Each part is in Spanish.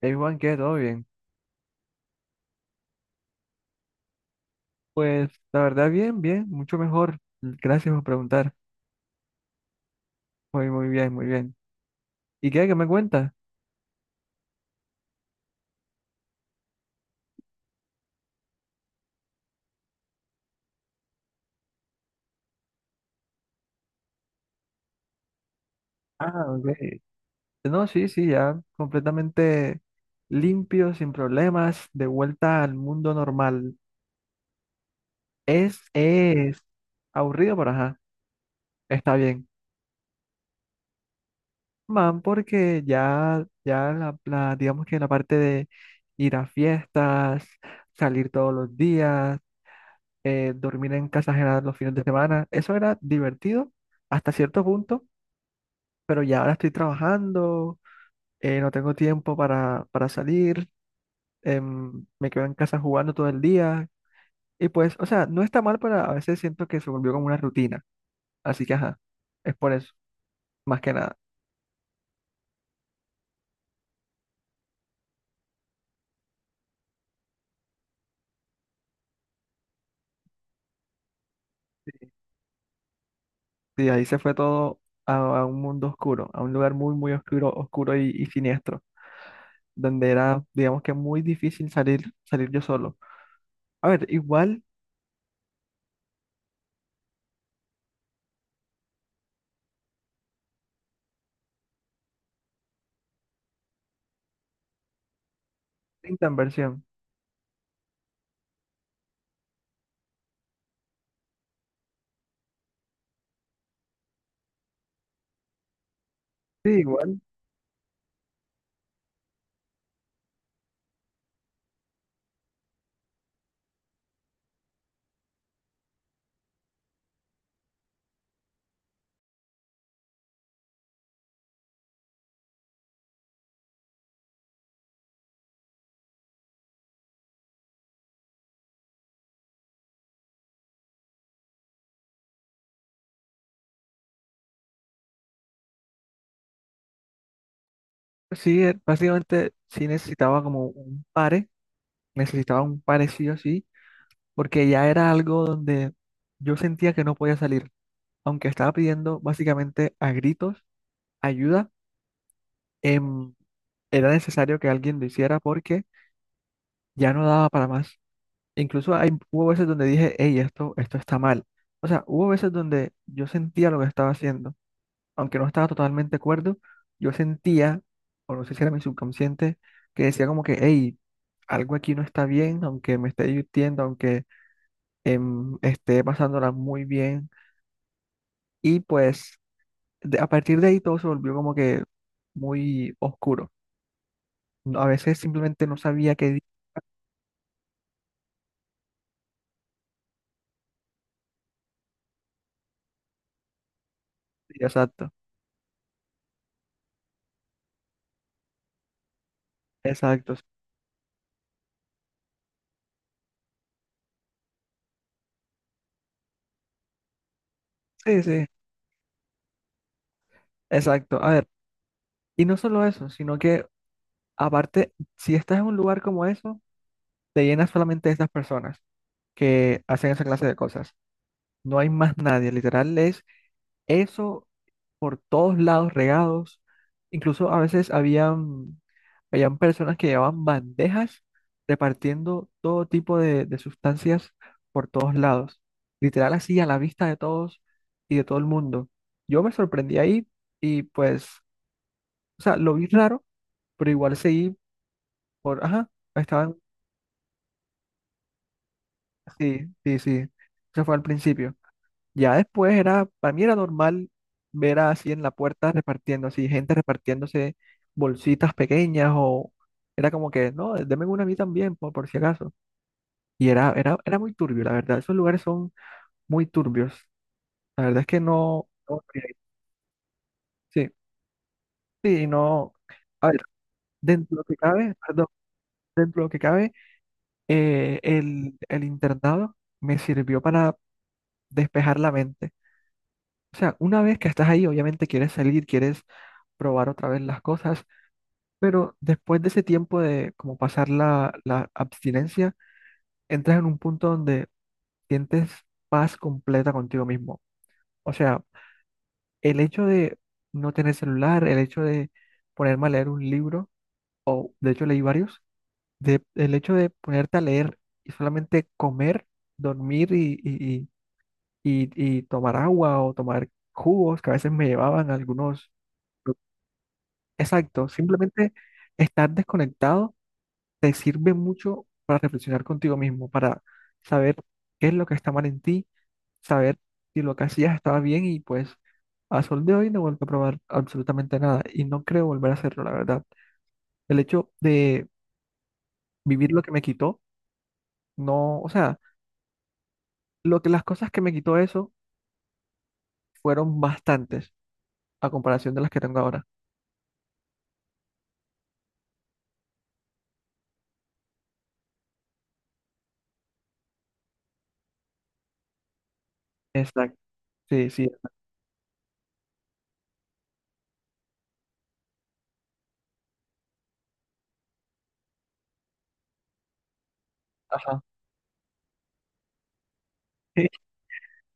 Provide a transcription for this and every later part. Hey Juan, ¿qué? ¿Todo bien? Pues la verdad, bien, bien, mucho mejor. Gracias por preguntar. Muy, muy bien, muy bien. ¿Y qué? ¿Qué me cuentas? Ah, ok. No, sí, sí, ya completamente limpio, sin problemas, de vuelta al mundo normal. Es aburrido, pero ajá, está bien. Man, porque ya, ya digamos que la parte de ir a fiestas, salir todos los días. Dormir en casa ajena los fines de semana. Eso era divertido hasta cierto punto, pero ya ahora estoy trabajando. No tengo tiempo para salir. Me quedo en casa jugando todo el día. Y pues, o sea, no está mal, pero a veces siento que se volvió como una rutina. Así que, ajá, es por eso, más que nada. Sí, sí, ahí se fue todo a, a un mundo oscuro, a un lugar muy, muy oscuro, oscuro y siniestro, donde era, digamos que muy difícil salir, salir yo solo. A ver, igual, tanta inversión. Sí, igual. Sí, básicamente sí necesitaba como un pare, necesitaba un pare sí o sí, porque ya era algo donde yo sentía que no podía salir, aunque estaba pidiendo básicamente a gritos ayuda. em, Era necesario que alguien lo hiciera porque ya no daba para más. Incluso hubo veces donde dije, hey, esto está mal. O sea, hubo veces donde yo sentía lo que estaba haciendo, aunque no estaba totalmente de acuerdo, yo sentía, o no sé si era mi subconsciente, que decía como que, hey, algo aquí no está bien, aunque me esté divirtiendo, aunque esté pasándola muy bien. Y pues a partir de ahí todo se volvió como que muy oscuro. A veces simplemente no sabía qué. Exacto, exacto. Sí, sí, exacto. A ver, y no solo eso, sino que aparte, si estás en un lugar como eso, te llenas solamente de esas personas que hacen esa clase de cosas. No hay más nadie, literal es eso por todos lados regados. Incluso a veces habían personas que llevaban bandejas repartiendo todo tipo de sustancias por todos lados. Literal así a la vista de todos y de todo el mundo. Yo me sorprendí ahí y pues, o sea, lo vi raro, pero igual seguí por, ajá, estaban, sí, sí, sí. Eso fue al principio. Ya después era, para mí era normal ver así en la puerta repartiendo, así gente repartiéndose bolsitas pequeñas o era como que, no, deme una a mí también, por si acaso. Y era muy turbio, la verdad. Esos lugares son muy turbios. La verdad es que no, no, sí, sí, no. A ver, dentro de lo que cabe, perdón, dentro de lo que cabe, el internado me sirvió para despejar la mente. O sea, una vez que estás ahí, obviamente quieres salir, quieres probar otra vez las cosas. Pero después de ese tiempo de como pasar la abstinencia, entras en un punto donde sientes paz completa contigo mismo. O sea, el hecho de no tener celular, el hecho de ponerme a leer un libro, de hecho leí varios, de, el hecho de ponerte a leer y solamente comer, dormir y tomar agua o tomar jugos, que a veces me llevaban algunos. Exacto, simplemente estar desconectado te sirve mucho para reflexionar contigo mismo, para saber qué es lo que está mal en ti, saber si lo que hacías estaba bien y pues a sol de hoy no vuelvo a probar absolutamente nada y no creo volver a hacerlo, la verdad. El hecho de vivir lo que me quitó, no, o sea, lo que las cosas que me quitó eso fueron bastantes a comparación de las que tengo ahora. Exacto. Sí, sí, ajá. Sí,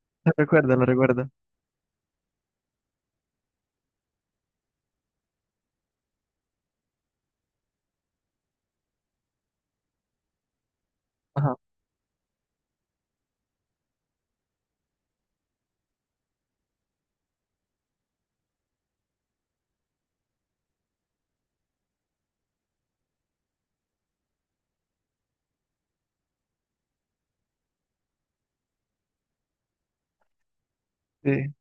lo recuerdo, lo recuerdo. Ajá. Sí,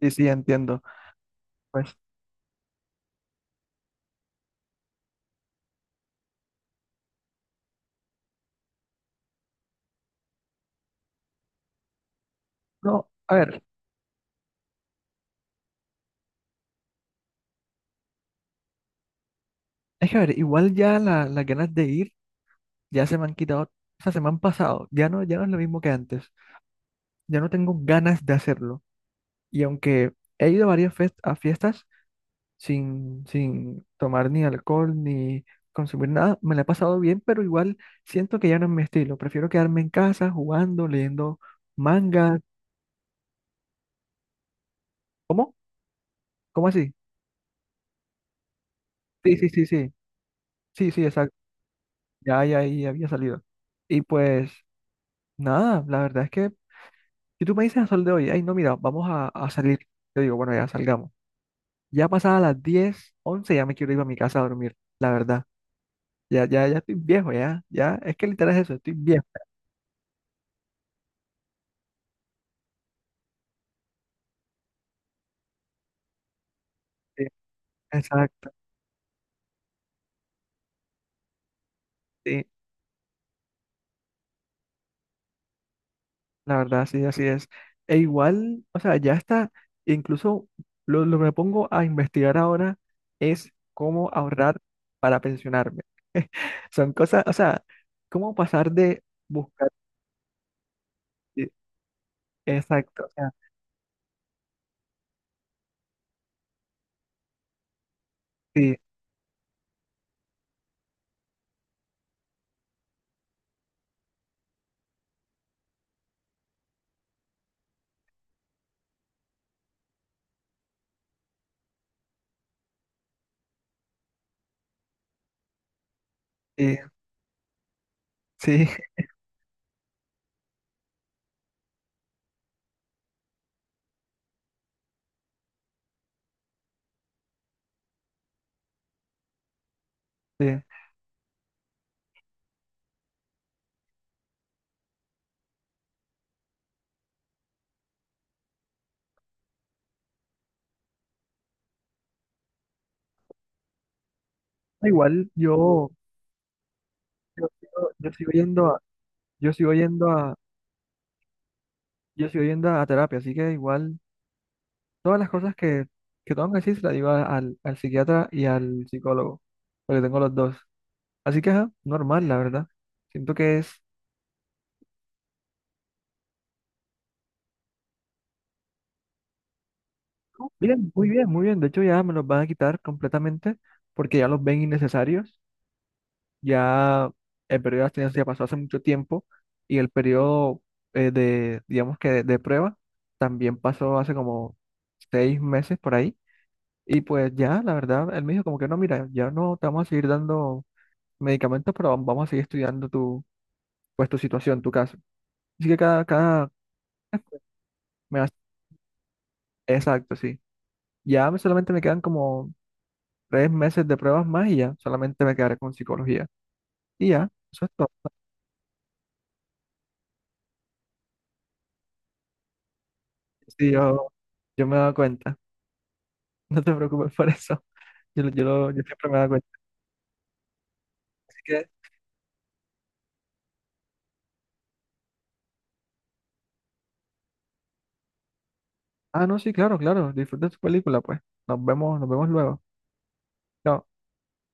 sí, sí, entiendo. Pues, no, a ver, es que a ver, igual ya las ganas de ir ya se me han quitado, o sea, se me han pasado. Ya no, ya no es lo mismo que antes. Ya no tengo ganas de hacerlo. Y aunque he ido a varias a fiestas sin, sin tomar ni alcohol ni consumir nada, me la he pasado bien, pero igual siento que ya no es mi estilo. Prefiero quedarme en casa jugando, leyendo manga. ¿Cómo? ¿Cómo así? Sí, sí, sí, sí. Sí, sí, exacto. Ya, ya, ya había salido. Y pues nada, la verdad es que si tú me dices a sol de hoy, ay, no, mira, vamos a salir. Yo digo, bueno, ya salgamos. Ya pasadas las 10, 11 ya me quiero ir a mi casa a dormir, la verdad. Ya, ya, ya estoy viejo, ya, ya. Es que literal es eso, estoy viejo. Sí, exacto, sí, la verdad, sí, así es. E igual, o sea, ya está, incluso lo que me pongo a investigar ahora es cómo ahorrar para pensionarme. Son cosas, o sea, cómo pasar de buscar, sí, exacto, o sea, sí, sí, sí, sí. Igual yo, yo, sigo- yo sigo yendo a, yo sigo yendo a yo sigo yendo a terapia, así que igual todas las cosas que tengo que decir se las digo al psiquiatra y al psicólogo, porque tengo los dos. Así que, ajá, normal, la verdad. Siento que es bien, muy bien, muy bien. De hecho, ya me los van a quitar completamente porque ya los ven innecesarios. Ya el periodo de abstinencia pasó hace mucho tiempo y el periodo digamos que de prueba también pasó hace como 6 meses por ahí. Y pues ya, la verdad, él me dijo como que no, mira, ya no te vamos a seguir dando medicamentos, pero vamos a seguir estudiando tu, pues, tu situación, tu caso. Así que cada, cada, me exacto, sí. Solamente me quedan como 3 meses de pruebas más y ya, solamente me quedaré con psicología. Y ya, eso es todo. Sí, yo me he dado cuenta, no te preocupes por eso. Yo, yo, yo siempre me he dado cuenta. Así que, ah, no, sí, claro, claro, disfruta tu película, pues. Nos vemos luego. Chao.